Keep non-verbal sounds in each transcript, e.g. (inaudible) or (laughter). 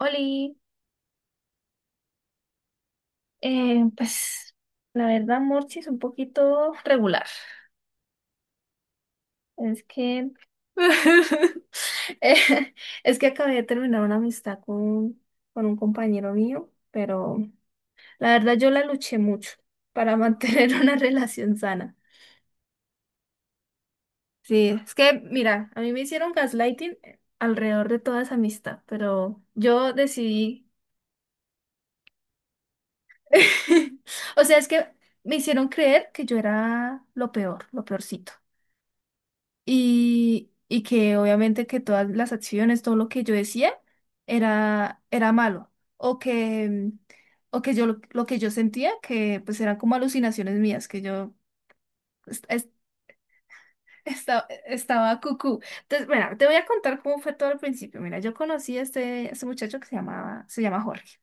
Oli, pues la verdad Morchi es un poquito regular. Es que (laughs) eh, es que acabé de terminar una amistad con un compañero mío, pero la verdad yo la luché mucho para mantener (laughs) una relación sana. Sí, es que mira, a mí me hicieron gaslighting alrededor de toda esa amistad, pero yo decidí. (laughs) O sea, es que me hicieron creer que yo era lo peor, lo peorcito. Y que obviamente que todas las acciones, todo lo que yo decía era malo, o que, o que yo lo que yo sentía, que pues eran como alucinaciones mías, que yo est- est- (laughs) estaba cucú. Entonces, bueno, te voy a contar cómo fue todo al principio. Mira, yo conocí a este muchacho que se llamaba, se llama Jorge.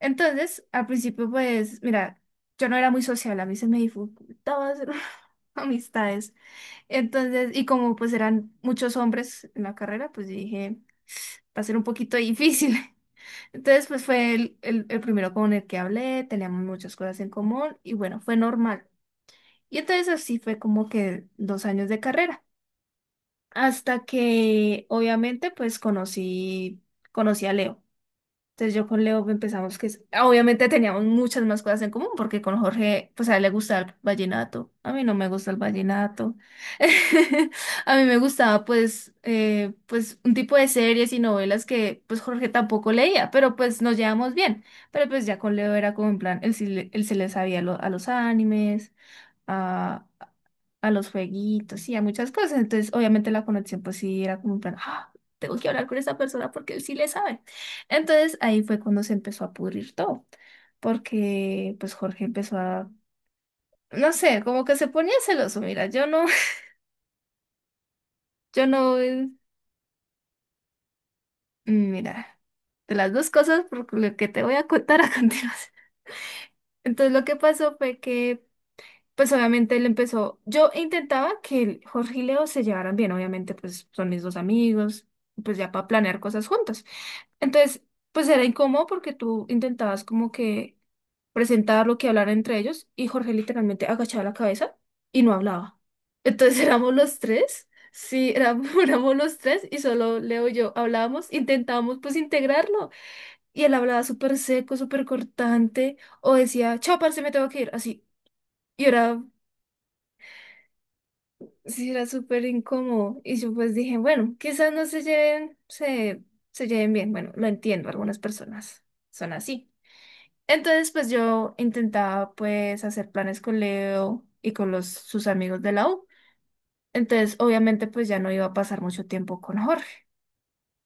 Entonces, al principio, pues, mira, yo no era muy sociable, a mí se me dificultaba hacer (laughs) amistades. Entonces, y como pues eran muchos hombres en la carrera, pues dije, va a ser un poquito difícil. (laughs) Entonces, pues fue el primero con el que hablé, teníamos muchas cosas en común y bueno, fue normal. Y entonces así fue como que dos años de carrera, hasta que obviamente pues conocí a Leo. Entonces yo con Leo empezamos que obviamente teníamos muchas más cosas en común, porque con Jorge, pues a él le gusta el vallenato, a mí no me gusta el vallenato. (laughs) A mí me gustaba pues pues un tipo de series y novelas que pues Jorge tampoco leía, pero pues nos llevamos bien. Pero pues ya con Leo era como en plan, él sí, él se le sabía a los animes, a los jueguitos y a muchas cosas. Entonces, obviamente la conexión, pues sí, era como un plan, ah, tengo que hablar con esa persona porque él sí le sabe. Entonces, ahí fue cuando se empezó a pudrir todo, porque pues Jorge empezó a, no sé, como que se ponía celoso, mira, yo no, (laughs) yo no, mira, de las dos cosas por lo que te voy a contar a (laughs) continuación. Entonces, lo que pasó fue que pues obviamente él empezó, yo intentaba que el Jorge y Leo se llevaran bien, obviamente pues son mis dos amigos, pues ya para planear cosas juntos. Entonces, pues era incómodo porque tú intentabas como que presentar lo que hablar entre ellos, y Jorge literalmente agachaba la cabeza y no hablaba. Entonces (laughs) éramos los tres, sí, éramos, (laughs) éramos los tres y solo Leo y yo hablábamos, intentábamos pues integrarlo, y él hablaba súper seco, súper cortante, o decía, chao, parce, me tengo que ir, así. Y era Sí, era súper incómodo. Y yo pues dije, bueno, quizás no se lleven, se lleven bien. Bueno, lo entiendo, algunas personas son así. Entonces, pues yo intentaba pues hacer planes con Leo y con los, sus amigos de la U. Entonces, obviamente, pues ya no iba a pasar mucho tiempo con Jorge.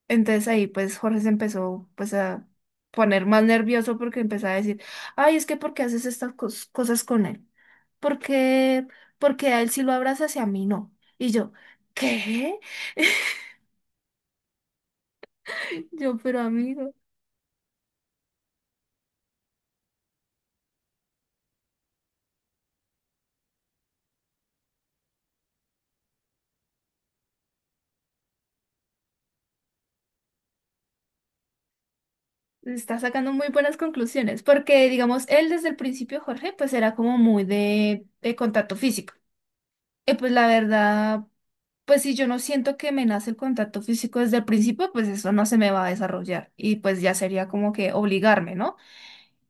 Entonces ahí pues Jorge se empezó pues a poner más nervioso porque empezaba a decir, ay, es que ¿por qué haces estas cosas con él? por qué ¿Porque a él sí lo abrazas y a mí no? Y yo, ¿qué? (laughs) Yo, pero amigo, está sacando muy buenas conclusiones, porque digamos, él desde el principio, Jorge, pues era como muy de contacto físico. Y pues la verdad, pues si yo no siento que me nace el contacto físico desde el principio, pues eso no se me va a desarrollar, y pues ya sería como que obligarme, ¿no?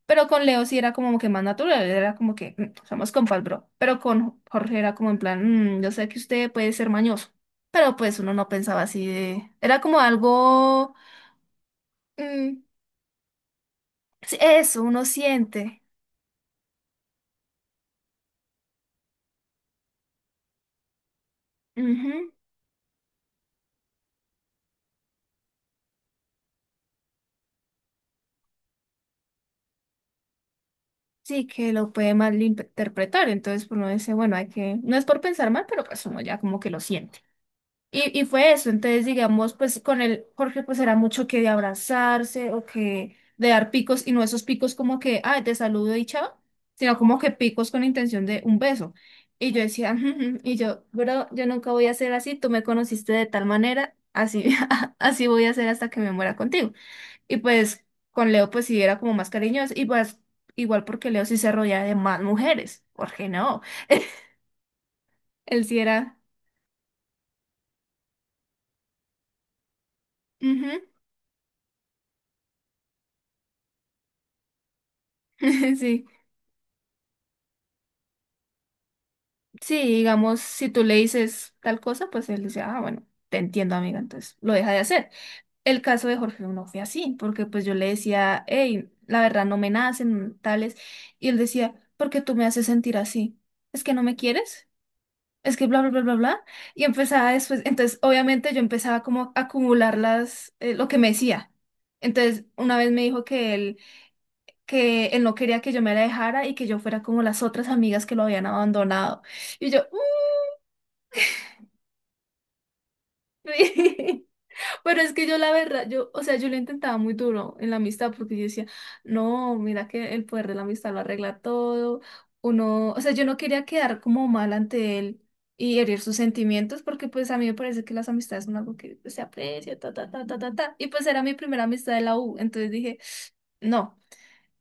Pero con Leo sí era como que más natural, era como que "Mm, somos compas, bro". Pero con Jorge era como en plan, "Mm, yo sé que usted puede ser mañoso". Pero pues uno no pensaba así. De... Era como algo. mm, sí, eso, uno siente. Ujú, sí, que lo puede malinterpretar. Entonces pues, uno dice, bueno, hay que. No es por pensar mal, pero pues uno ya como que lo siente. Y fue eso. Entonces digamos, pues con el Jorge pues era mucho que de abrazarse, o que de dar picos, y no esos picos como que, ah, te saludo y chao, sino como que picos con intención de un beso. Y yo decía, (laughs) "Ujú, ujú", y yo, bro, yo nunca voy a ser así, tú me conociste de tal manera, así, (laughs) así voy a ser hasta que me muera contigo. Y pues con Leo pues sí era como más cariñoso, y pues igual porque Leo sí se rodeaba de más mujeres, Jorge no, (laughs) él sí era, ujú, (laughs) sí. Sí, digamos, si tú le dices tal cosa, pues él dice, ah, bueno, te entiendo, amiga, entonces lo deja de hacer. El caso de Jorge no fue así, porque pues yo le decía, hey, la verdad no me nacen tales, y él decía, ¿por qué tú me haces sentir así? ¿Es que no me quieres? Es que bla, bla, bla, bla, bla. Y empezaba después, entonces obviamente yo empezaba como a acumular las, lo que me decía. Entonces, una vez me dijo que él no quería que yo me la dejara y que yo fuera como las otras amigas que lo habían abandonado. Y yo, sí, (laughs) pero es que yo la verdad, yo, o sea, yo lo intentaba muy duro en la amistad porque yo decía, no, mira que el poder de la amistad lo arregla todo, uno, o sea, yo no quería quedar como mal ante él y herir sus sentimientos, porque pues a mí me parece que las amistades son algo que se aprecia, ta, ta, ta, ta, ta, ta, y pues era mi primera amistad de la U, entonces dije, no,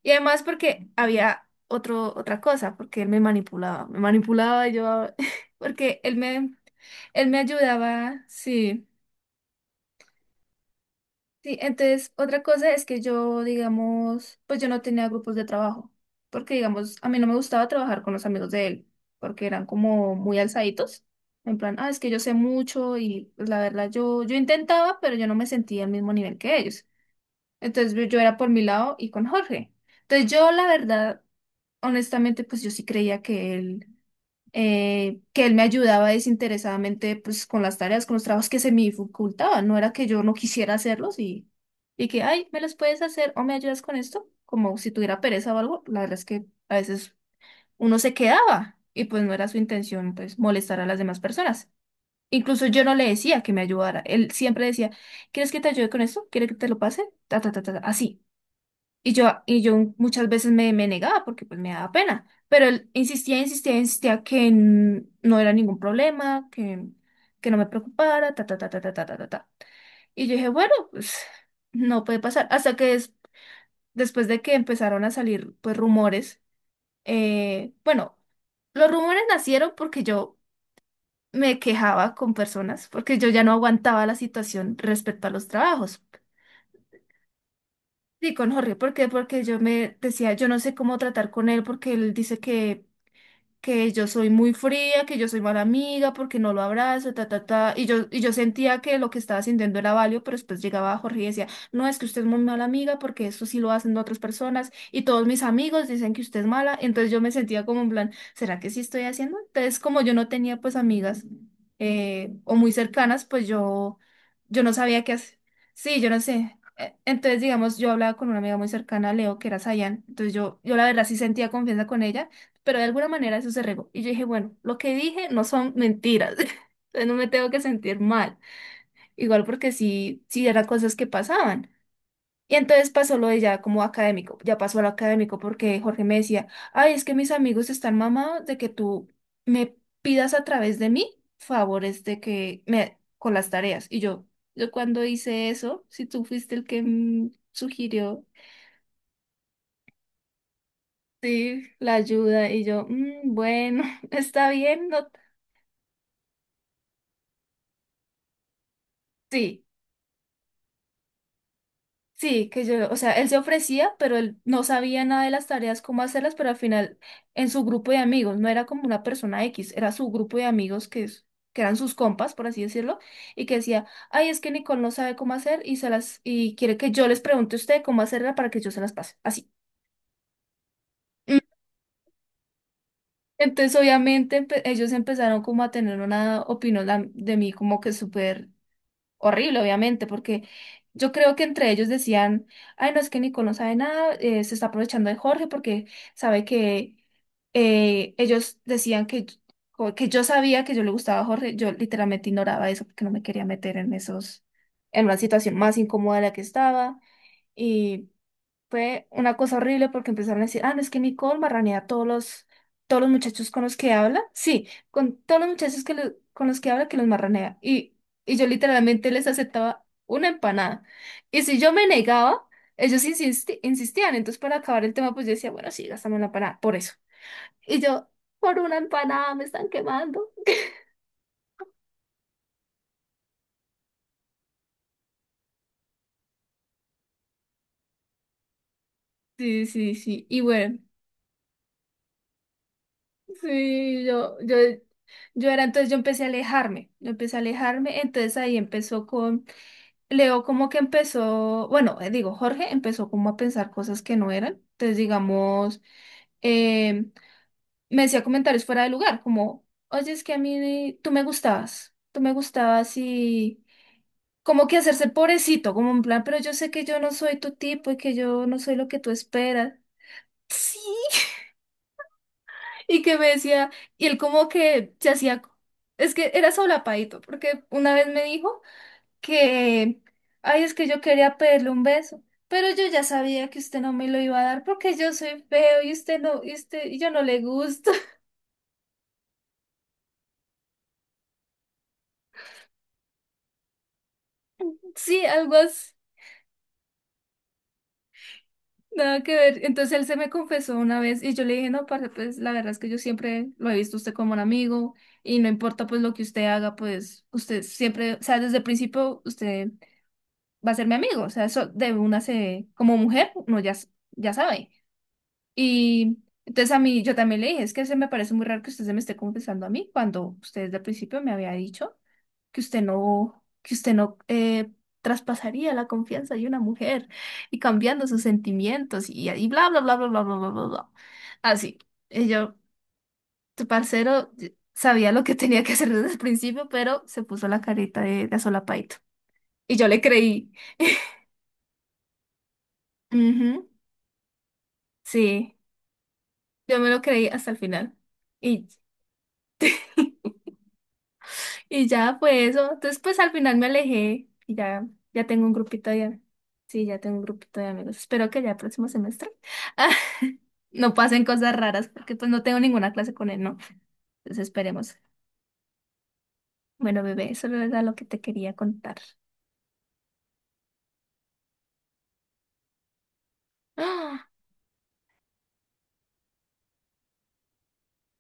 y además porque había otro, otra cosa, porque él me manipulaba, me manipulaba, y yo, (laughs) porque él me. Él me ayudaba, sí. Sí, entonces otra cosa es que yo, digamos, pues yo no tenía grupos de trabajo, porque digamos, a mí no me gustaba trabajar con los amigos de él, porque eran como muy alzaditos, en plan, ah, es que yo sé mucho, y pues, la verdad yo intentaba, pero yo no me sentía al mismo nivel que ellos. Entonces yo era por mi lado y con Jorge. Entonces yo, la verdad, honestamente, pues yo sí creía que él me ayudaba desinteresadamente pues con las tareas, con los trabajos que se me dificultaban, no era que yo no quisiera hacerlos y que, ay, ¿me los puedes hacer o me ayudas con esto? Como si tuviera pereza o algo, la verdad es que a veces uno se quedaba y pues no era su intención pues molestar a las demás personas. Incluso yo no le decía que me ayudara, él siempre decía, ¿quieres que te ayude con esto? ¿Quieres que te lo pase? Ta, ta, ta, ta, ta, así. Y yo, muchas veces me negaba porque pues me daba pena, pero él insistía, insistía, insistía que no era ningún problema, que no me preocupara, ta, ta, ta, ta, ta, ta, ta, ta, ta. Y yo dije, bueno, pues no puede pasar. Hasta que después de que empezaron a salir pues rumores, bueno, los rumores nacieron porque yo me quejaba con personas, porque yo ya no aguantaba la situación respecto a los trabajos. Sí, con Jorge, ¿por qué? Porque yo me decía, yo no sé cómo tratar con él porque él dice que yo soy muy fría, que yo soy mala amiga, porque no lo abrazo, ta, ta, ta. Y yo, sentía que lo que estaba sintiendo era válido, pero después llegaba Jorge y decía, no, es que usted es muy mala amiga, porque eso sí lo hacen otras personas, y todos mis amigos dicen que usted es mala, entonces yo me sentía como en plan, ¿será que sí estoy haciendo? Entonces, como yo no tenía pues amigas o muy cercanas, pues yo no sabía qué hacer. Sí, yo no sé. Entonces, digamos, yo hablaba con una amiga muy cercana, a Leo, que era Sayan. Entonces, yo la verdad sí sentía confianza con ella, pero de alguna manera eso se regó. Y yo dije, bueno, lo que dije no son mentiras, (laughs) entonces no me tengo que sentir mal, igual porque sí, sí eran cosas que pasaban. Y entonces pasó lo de ya como académico, ya pasó a lo académico, porque Jorge me decía, ay, es que mis amigos están mamados de que tú me pidas a través de mí favores de que me con las tareas. Y yo cuando hice eso, si tú fuiste el que sugirió, sí, la ayuda, y yo, bueno, (laughs) está bien, no, sí, sí, que yo, o sea, él se ofrecía, pero él no sabía nada de las tareas, cómo hacerlas, pero al final en su grupo de amigos, no era como una persona X, era su grupo de amigos que, que eran sus compas, por así decirlo, y que decía, ay, es que Nicole no sabe cómo hacer y se las, y quiere que yo les pregunte a usted cómo hacerla para que yo se las pase, así. Mm, Entonces, obviamente, ellos empezaron como a tener una opinión de mí como que súper horrible, obviamente, porque yo creo que entre ellos decían, ay, no, es que Nico no sabe nada, se está aprovechando de Jorge porque sabe que ellos decían que, que yo sabía que yo le gustaba a Jorge. Yo literalmente ignoraba eso porque no me quería meter en esos, en una situación más incómoda de la que estaba. Fue una cosa horrible porque empezaron a decir, ah, no, es que Nicole marranea a todos los muchachos con los que habla. Sí, con todos los muchachos que con los que habla, que los marranea. Y yo literalmente les aceptaba una empanada. Y si yo me negaba, ellos insistían. Entonces, para acabar el tema, pues yo decía, bueno, sí, gástame una empanada, por eso. Y yo, por una empanada me están quemando. Sí, sí, sí. Y bueno, sí, yo era, entonces yo empecé a alejarme, yo empecé a alejarme, entonces ahí empezó con Leo como que empezó, bueno, digo, Jorge empezó como a pensar cosas que no eran. Entonces, digamos, eh, me decía comentarios fuera de lugar, como, oye, es que a mí tú me gustabas y como que hacerse el pobrecito, como en plan, pero yo sé que yo no soy tu tipo y que yo no soy lo que tú esperas. Sí. Y que me decía, y él como que se hacía, es que era solapadito, porque una vez me dijo que, ay, es que yo quería pedirle un beso, pero yo ya sabía que usted no me lo iba a dar porque yo soy feo y usted no, y usted, y yo no le gusto. (laughs) Sí, algo así, nada que ver. Entonces él se me confesó una vez y yo le dije, no, parce, pues la verdad es que yo siempre lo he visto a usted como un amigo y no importa pues lo que usted haga, pues usted siempre, o sea, desde el principio usted va a ser mi amigo, o sea, eso de una se, como mujer, no ya, ya sabe. Y entonces a mí, yo también le dije, es que se me parece muy raro que usted se me esté confesando a mí cuando usted desde el principio me había dicho que usted no traspasaría la confianza de una mujer y cambiando sus sentimientos y bla, bla, bla, bla, bla, bla, bla, bla, bla. Así. Y yo, tu parcero sabía lo que tenía que hacer desde el principio, pero se puso la carita de solapaito. Y yo le creí. (laughs) Ujú, sí, yo me lo creí hasta el final. Y (laughs) y ya fue eso. Entonces, pues al final me alejé y ya, ya tengo un grupito de amigos. Sí, ya tengo un grupito de amigos. Espero que ya el próximo semestre (laughs) no pasen cosas raras porque pues no tengo ninguna clase con él, ¿no? Entonces esperemos. Bueno, bebé, eso era lo que te quería contar. (gasps) ¡Ah!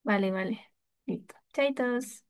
Vale, vale. Listo. Chaitos.